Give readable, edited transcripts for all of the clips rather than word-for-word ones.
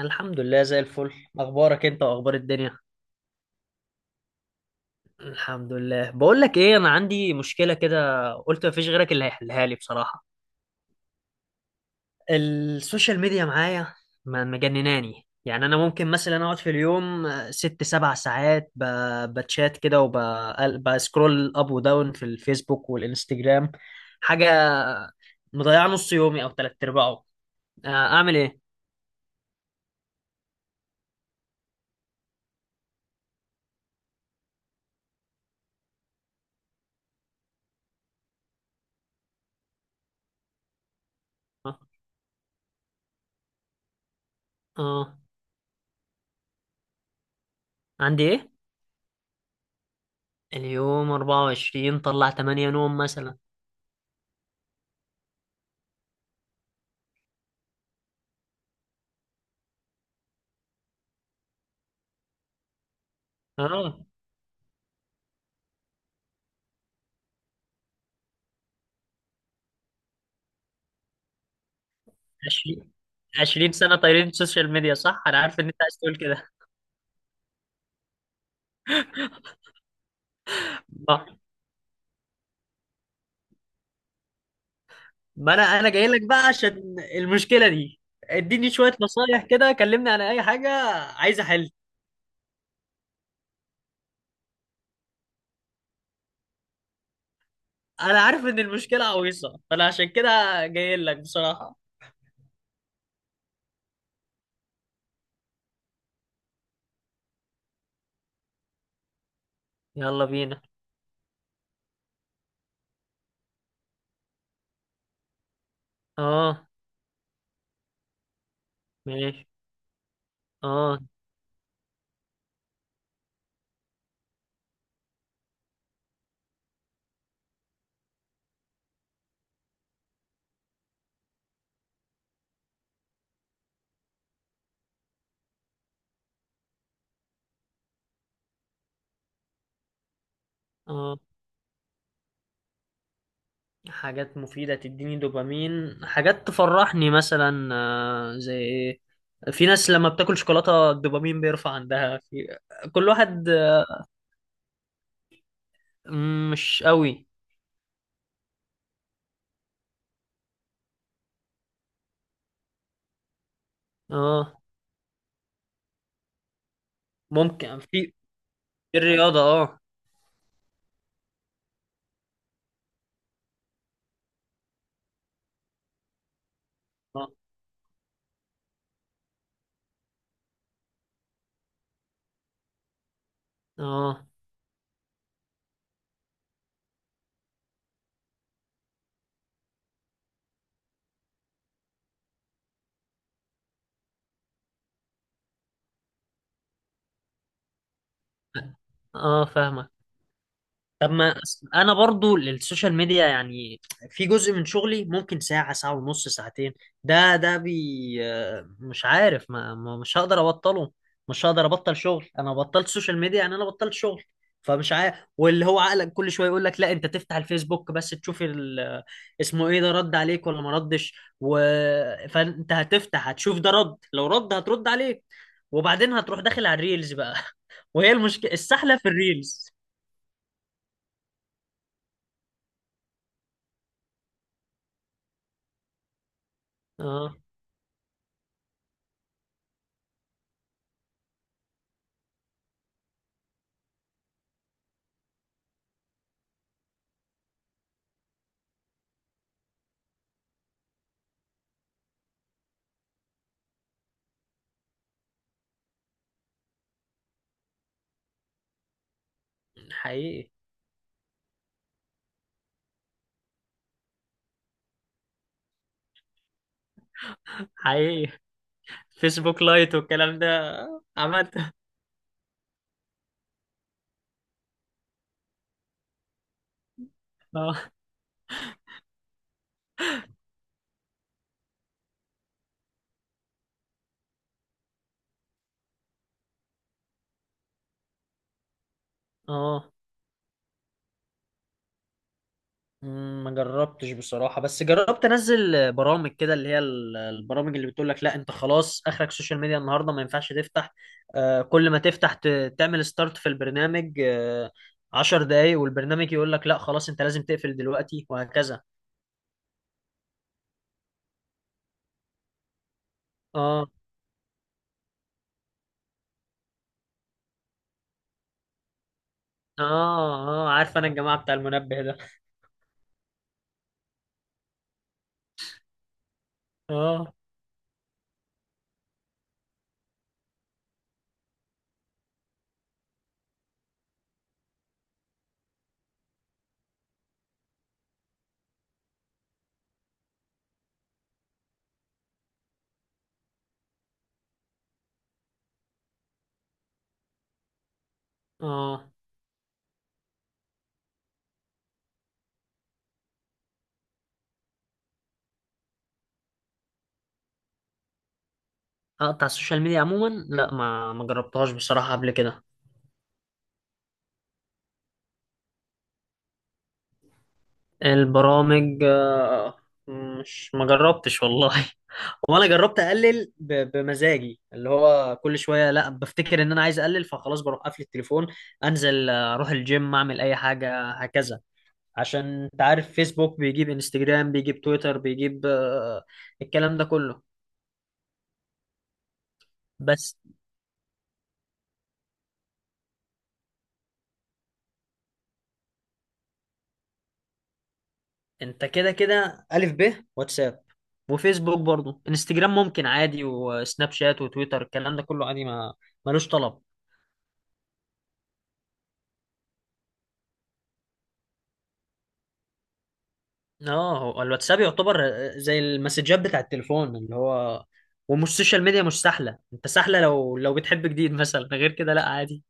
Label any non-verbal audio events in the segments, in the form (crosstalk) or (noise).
الحمد لله زي الفل. اخبارك انت واخبار الدنيا؟ الحمد لله. بقول لك ايه، انا عندي مشكله كده، قلت مفيش غيرك اللي هيحلها لي بصراحه. السوشيال ميديا معايا مجنناني، يعني انا ممكن مثلا اقعد في اليوم ست سبع ساعات بتشات كده، وبسكرول اب وداون في الفيسبوك والانستجرام. حاجه مضيعه نص يومي او تلات ارباعه. اعمل ايه؟ اه. آه. عندي ايه؟ اليوم 24، طلع 8 نوم مثلا. اه. 20. 20 سنة طايرين السوشيال ميديا، صح؟ أنا عارف إن أنت عايز تقول كده. آه. ما أنا جاي لك بقى عشان المشكلة دي، اديني شوية نصايح كده، كلمني عن أي حاجة. عايز أحل. أنا عارف إن المشكلة عويصة، فأنا عشان كده جاي لك بصراحة. يلا بينا. آه. ماشي. آه. آه. حاجات مفيدة تديني دوبامين، حاجات تفرحني مثلا زي إيه؟ في ناس لما بتاكل شوكولاتة الدوبامين بيرفع عندها. في كل واحد. مش قوي. اه. ممكن. في في الرياضة، اه. اه. اه. فاهمك. طب ما أس- انا برضو للسوشيال ميديا يعني في جزء من شغلي ممكن ساعة، ساعة ونص، ساعتين. ده ده بي آه، مش عارف، مش هقدر ابطله. مش هقدر ابطل شغل، انا بطلت سوشيال ميديا يعني انا بطلت شغل. فمش عارف، واللي هو عقلك كل شوية يقول لك لا انت تفتح الفيسبوك بس تشوف ال... آه، اسمه ايه ده رد عليك ولا ما ردش. و... فانت هتفتح، هتشوف ده رد، لو رد هترد عليك، وبعدين هتروح داخل على الريلز بقى. (laughs) وهي المشكلة السحلة في الريلز. اه. حقيقي. حقيقي، فيسبوك لايت والكلام ده عملت. اه. اه. ما جربتش بصراحة، بس جربت انزل برامج كده اللي هي البرامج اللي بتقول لك لا انت خلاص اخرك سوشيال ميديا النهاردة، ما ينفعش تفتح. آه، كل ما تفتح تعمل ستارت في البرنامج، آه، عشر دقايق، والبرنامج يقول لك لا خلاص انت لازم تقفل دلوقتي، وهكذا. اه. اه. اه. عارف انا الجماعة بتاع المنبه ده. اه. اه. اقطع السوشيال ميديا عموما، لا ما جربتهاش بصراحة قبل كده. البرامج، مش ما جربتش والله. (laughs) وانا جربت اقلل بمزاجي، اللي هو كل شويه لا بفتكر ان انا عايز اقلل، فخلاص بروح قافل التليفون، انزل، اروح الجيم، اعمل اي حاجه هكذا. عشان انت عارف فيسبوك بيجيب انستجرام، بيجيب تويتر، بيجيب الكلام ده كله. بس. انت كده كده الف ب واتساب، وفيسبوك برضو، انستجرام ممكن عادي، وسناب شات وتويتر الكلام ده كله عادي، ما ملوش طلب. اه، هو الواتساب يعتبر زي المسجات بتاع التليفون، اللي هو ومش سوشيال ميديا. مش سهله، انت سهله لو بتحب جديد مثلا، غير كده لا عادي.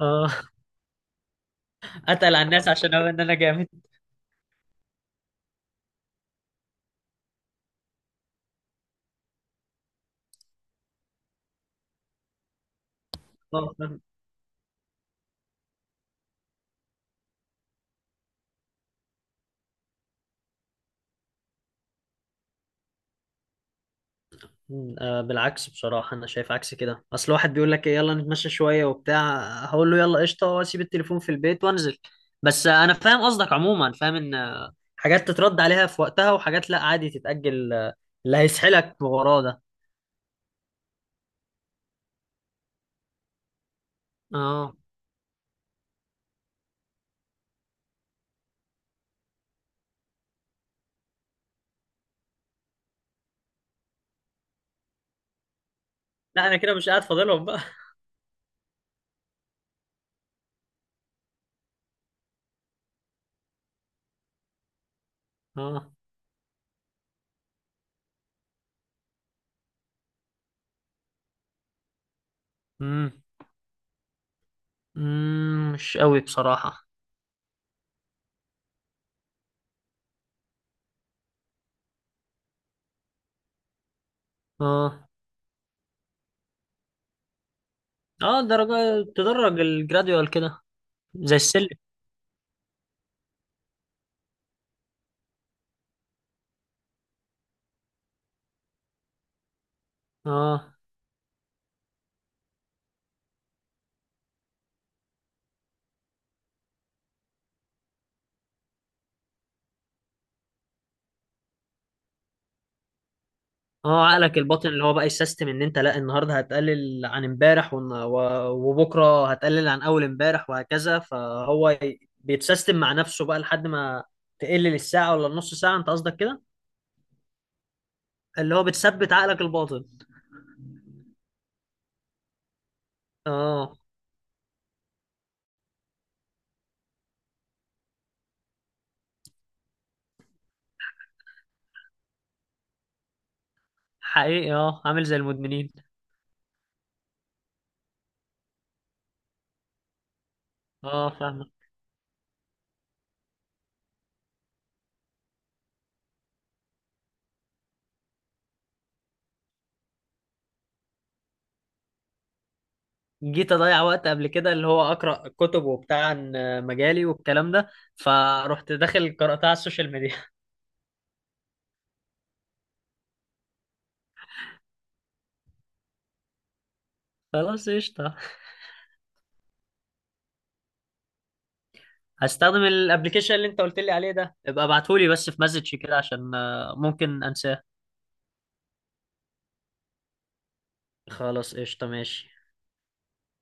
اه. (laughs) اتقل على الناس عشان اقول ان انا جامد. اه، فاهم. بالعكس بصراحه، انا شايف عكس كده. اصل واحد بيقول لك يلا نتمشى شويه وبتاع، هقول له يلا قشطه، واسيب التليفون في البيت وانزل. بس انا فاهم قصدك عموما، فاهم ان حاجات تترد عليها في وقتها، وحاجات لا عادي تتاجل، اللي هيسحلك وراه ده. اه. لا انا كده مش قاعد فاضلهم. اه. امم مش قوي بصراحة. اه. اه، درجة، تدرج، الجراديوال كده، زي السلم. اه. اه، عقلك الباطن اللي هو بقى السيستم، ان انت لا النهارده هتقلل عن امبارح وبكره هتقلل عن اول امبارح، وهكذا، فهو بيتسيستم مع نفسه بقى لحد ما تقلل الساعة ولا النص ساعة، انت قصدك كده؟ اللي هو بتثبت عقلك الباطن. اه، حقيقي. اه، عامل زي المدمنين. اه، فاهمك. جيت اضيع وقت قبل كده اللي هو اقرا كتب وبتاع عن مجالي والكلام ده، فروحت داخل قراتها على السوشيال ميديا. (laughs) خلاص قشطه. هستخدم الابلكيشن اللي انت قلت لي عليه ده، ابقى ابعتهولي بس في مسج كده عشان ممكن انساه. خلاص قشطه، ماشي.